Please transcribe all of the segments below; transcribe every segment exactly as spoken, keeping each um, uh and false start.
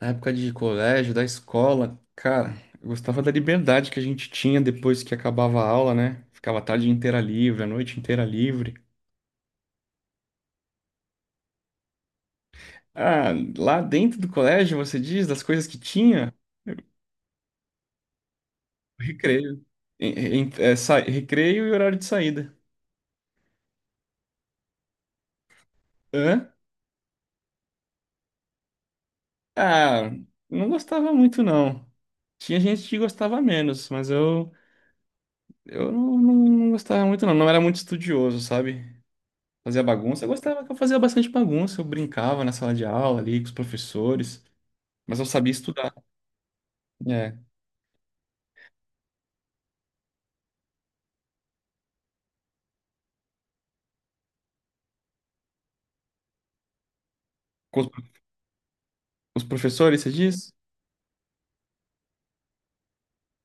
Na época de colégio, da escola, cara, eu gostava da liberdade que a gente tinha depois que acabava a aula, né? Ficava a tarde inteira livre, a noite inteira livre. Ah, lá dentro do colégio, você diz, das coisas que tinha? Recreio. Em- em- é, sa- recreio e horário de saída. Hã? Ah, não gostava muito, não. Tinha gente que gostava menos, mas eu, eu não, não não gostava muito, não. Não era muito estudioso, sabe? Fazia bagunça. Eu gostava que eu fazia bastante bagunça. Eu brincava na sala de aula ali com os professores, mas eu sabia estudar. É. Com os, os professores, você diz?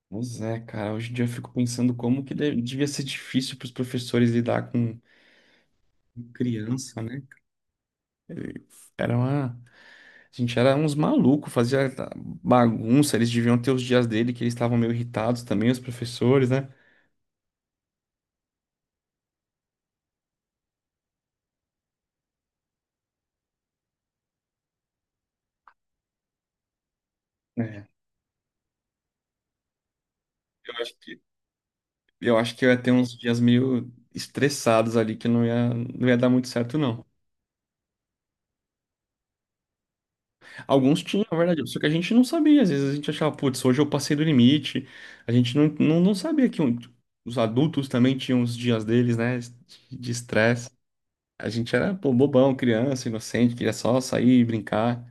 Pois é, cara. Hoje em dia eu fico pensando como que de- devia ser difícil para os professores lidar com criança, né? Era uma... A gente era uns malucos, fazia bagunça. Eles deviam ter os dias dele que eles estavam meio irritados também, os professores, né? É. Eu acho que, eu acho que eu ia ter uns dias meio estressados ali, que não ia, não ia dar muito certo, não. Alguns tinham, na verdade, só que a gente não sabia. Às vezes a gente achava, putz, hoje eu passei do limite. A gente não, não, não sabia que um- os adultos também tinham os dias deles, né, de estresse. A gente era, pô, bobão, criança, inocente, queria só sair, brincar,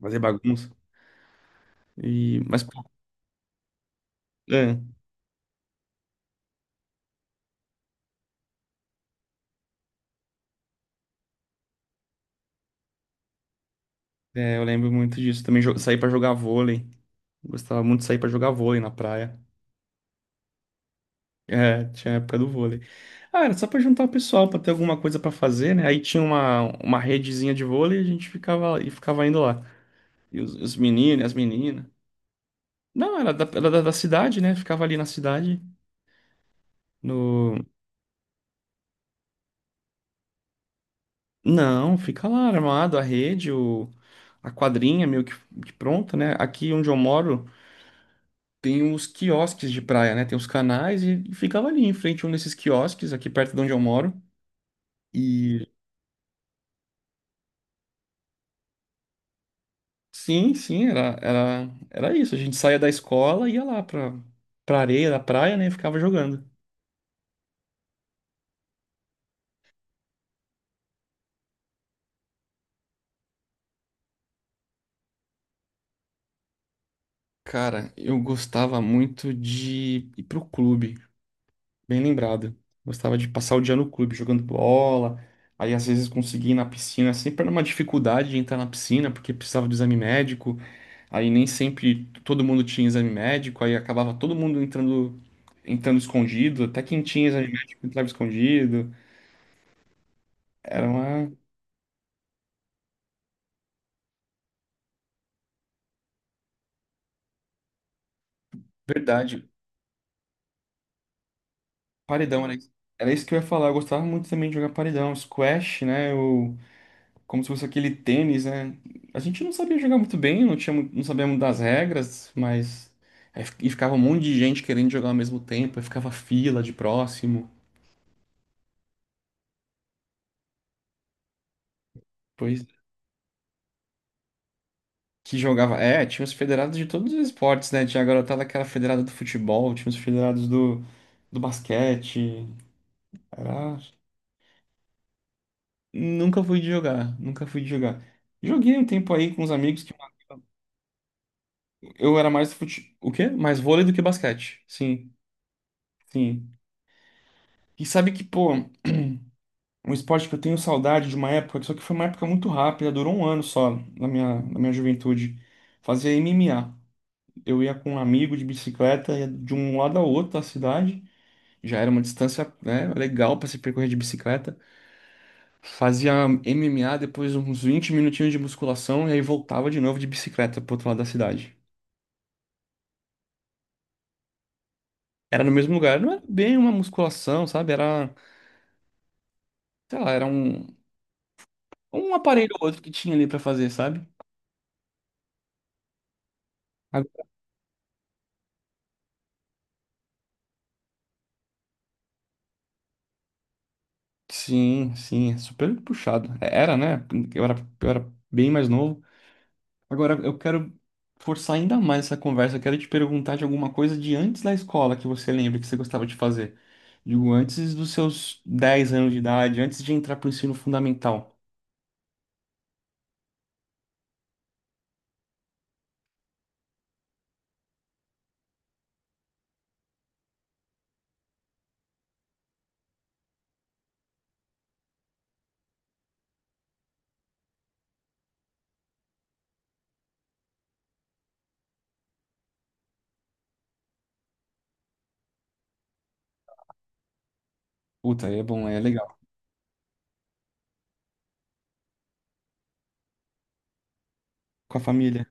fazer bagunça. E, mas, pô, é, é, eu lembro muito disso. Também jo- saí pra jogar vôlei. Gostava muito de sair pra jogar vôlei na praia. É, tinha a época do vôlei. Ah, era só pra juntar o pessoal, pra ter alguma coisa pra fazer, né? Aí tinha uma, uma redezinha de vôlei e a gente ficava, e ficava indo lá. E os, os meninos, as meninas. Não, era da, era da, da cidade, né? Ficava ali na cidade. No... Não, fica lá armado, a rede, o, a quadrinha meio que, que pronta, né? Aqui onde eu moro tem os quiosques de praia, né? Tem os canais e, e ficava ali em frente a um desses quiosques, aqui perto de onde eu moro. E sim, sim, era, era, era isso. A gente saía da escola e ia lá pra, pra areia da praia, né? E ficava jogando. Cara, eu gostava muito de ir pro clube, bem lembrado. Gostava de passar o dia no clube jogando bola. Aí às vezes conseguia ir na piscina, é sempre era uma dificuldade de entrar na piscina porque precisava do exame médico. Aí nem sempre todo mundo tinha exame médico, aí acabava todo mundo entrando entrando escondido, até quem tinha exame médico entrava escondido. Era uma verdade. Paredão, era era isso que eu ia falar. Eu gostava muito também de jogar paredão, squash, né? Ou como se fosse aquele tênis, né? A gente não sabia jogar muito bem, não tinha, mu- não sabíamos das regras, mas aí fi- e ficava um monte de gente querendo jogar ao mesmo tempo, aí ficava fila de próximo. Pois que jogava. É, tinha os federados de todos os esportes, né? Tinha a garotada que era federada do futebol, tinha os federados do, do basquete. Era... Nunca fui de jogar, nunca fui de jogar. Joguei um tempo aí com os amigos que eu era mais fute... o quê? Mais vôlei do que basquete. Sim, sim. E sabe que, pô, um esporte que eu tenho saudade de uma época, só que foi uma época muito rápida, durou um ano só, na minha, na minha juventude. Fazia M M A. Eu ia com um amigo de bicicleta, ia de um lado ao outro da cidade. Já era uma distância, né, legal pra se percorrer de bicicleta. Fazia M M A, depois uns vinte minutinhos de musculação, e aí voltava de novo de bicicleta pro outro lado da cidade. Era no mesmo lugar, não era bem uma musculação, sabe? Era sei lá, era um, um aparelho ou outro que tinha ali pra fazer, sabe? Ah, sim, sim, é super puxado. É, era, né? Eu era, eu era bem mais novo. Agora eu quero forçar ainda mais essa conversa. Eu quero te perguntar de alguma coisa de antes da escola que você lembra que você gostava de fazer. Digo, antes dos seus dez anos de idade, antes de entrar pro ensino fundamental. Puta, aí é bom, aí é legal. Com a família.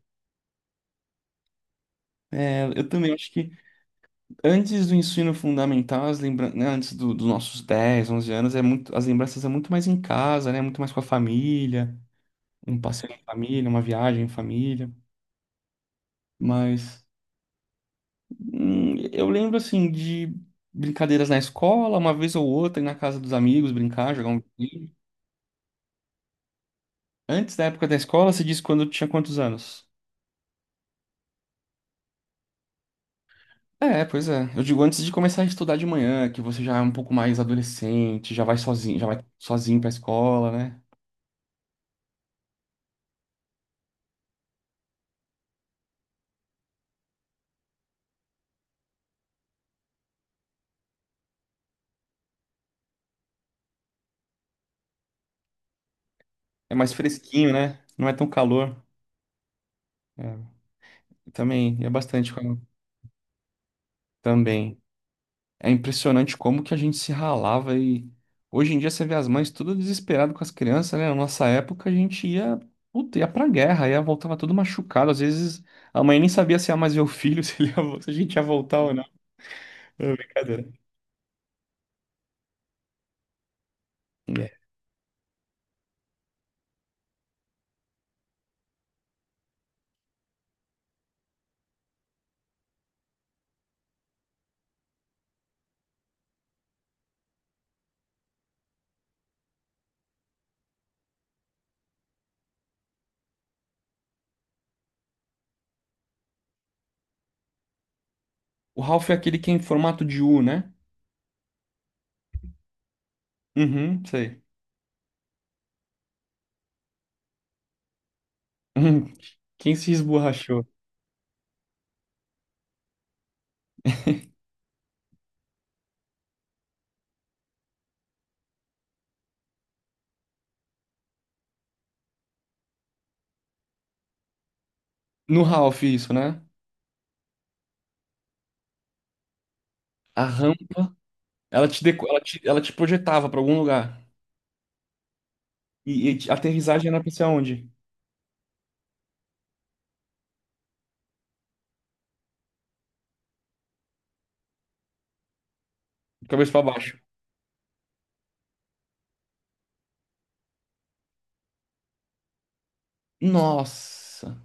É, eu também acho que antes do ensino fundamental, as lembra... né, antes do- dos nossos dez, onze anos, é muito... as lembranças é muito mais em casa, né? Muito mais com a família, um passeio em família, uma viagem em família. Mas hum, eu lembro, assim, de brincadeiras na escola, uma vez ou outra, ir na casa dos amigos, brincar, jogar um videogame. Antes da época da escola, você disse quando eu tinha quantos anos? É, pois é. Eu digo antes de começar a estudar de manhã, que você já é um pouco mais adolescente, já vai sozinho, já vai sozinho pra escola, né? É mais fresquinho, né? Não é tão calor. É, também, é bastante calor. Também. É impressionante como que a gente se ralava e hoje em dia você vê as mães tudo desesperado com as crianças, né? Na nossa época a gente ia, puta, ia pra guerra, ia voltava tudo machucado. Às vezes a mãe nem sabia se ia mais ver o filho, se, ele ia vo- se a gente ia voltar ou não. É brincadeira. É. O Ralph é aquele que é em formato de U, né? Uhum, sei. Uhum. Quem se esborrachou? No Ralph, isso, né? A rampa. Ela te, deco- ela te, ela te projetava pra algum lugar. E, e a aterrissagem era pra ser aonde? De cabeça pra baixo. Nossa,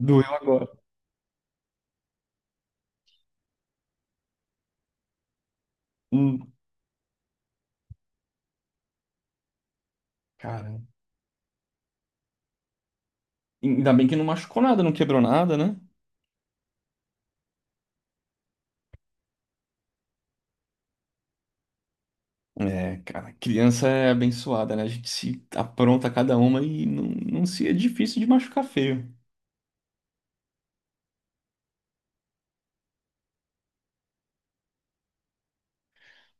doeu agora. Hum, cara, ainda bem que não machucou nada, não quebrou nada, né? É, cara, criança é abençoada, né? A gente se apronta cada uma e não, não se é difícil de machucar feio.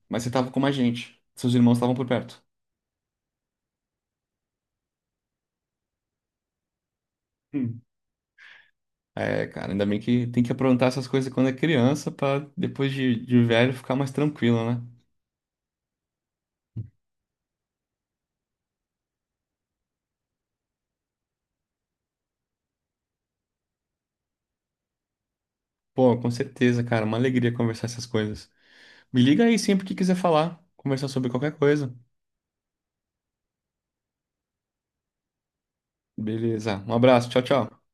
Mas você tava com mais gente. Seus irmãos estavam por perto. Hum. É, cara, ainda bem que tem que aprontar essas coisas quando é criança pra depois de, de velho ficar mais tranquilo, né? Pô, com certeza, cara. Uma alegria conversar essas coisas. Me liga aí sempre que quiser falar, conversar sobre qualquer coisa. Beleza. Um abraço. Tchau, tchau.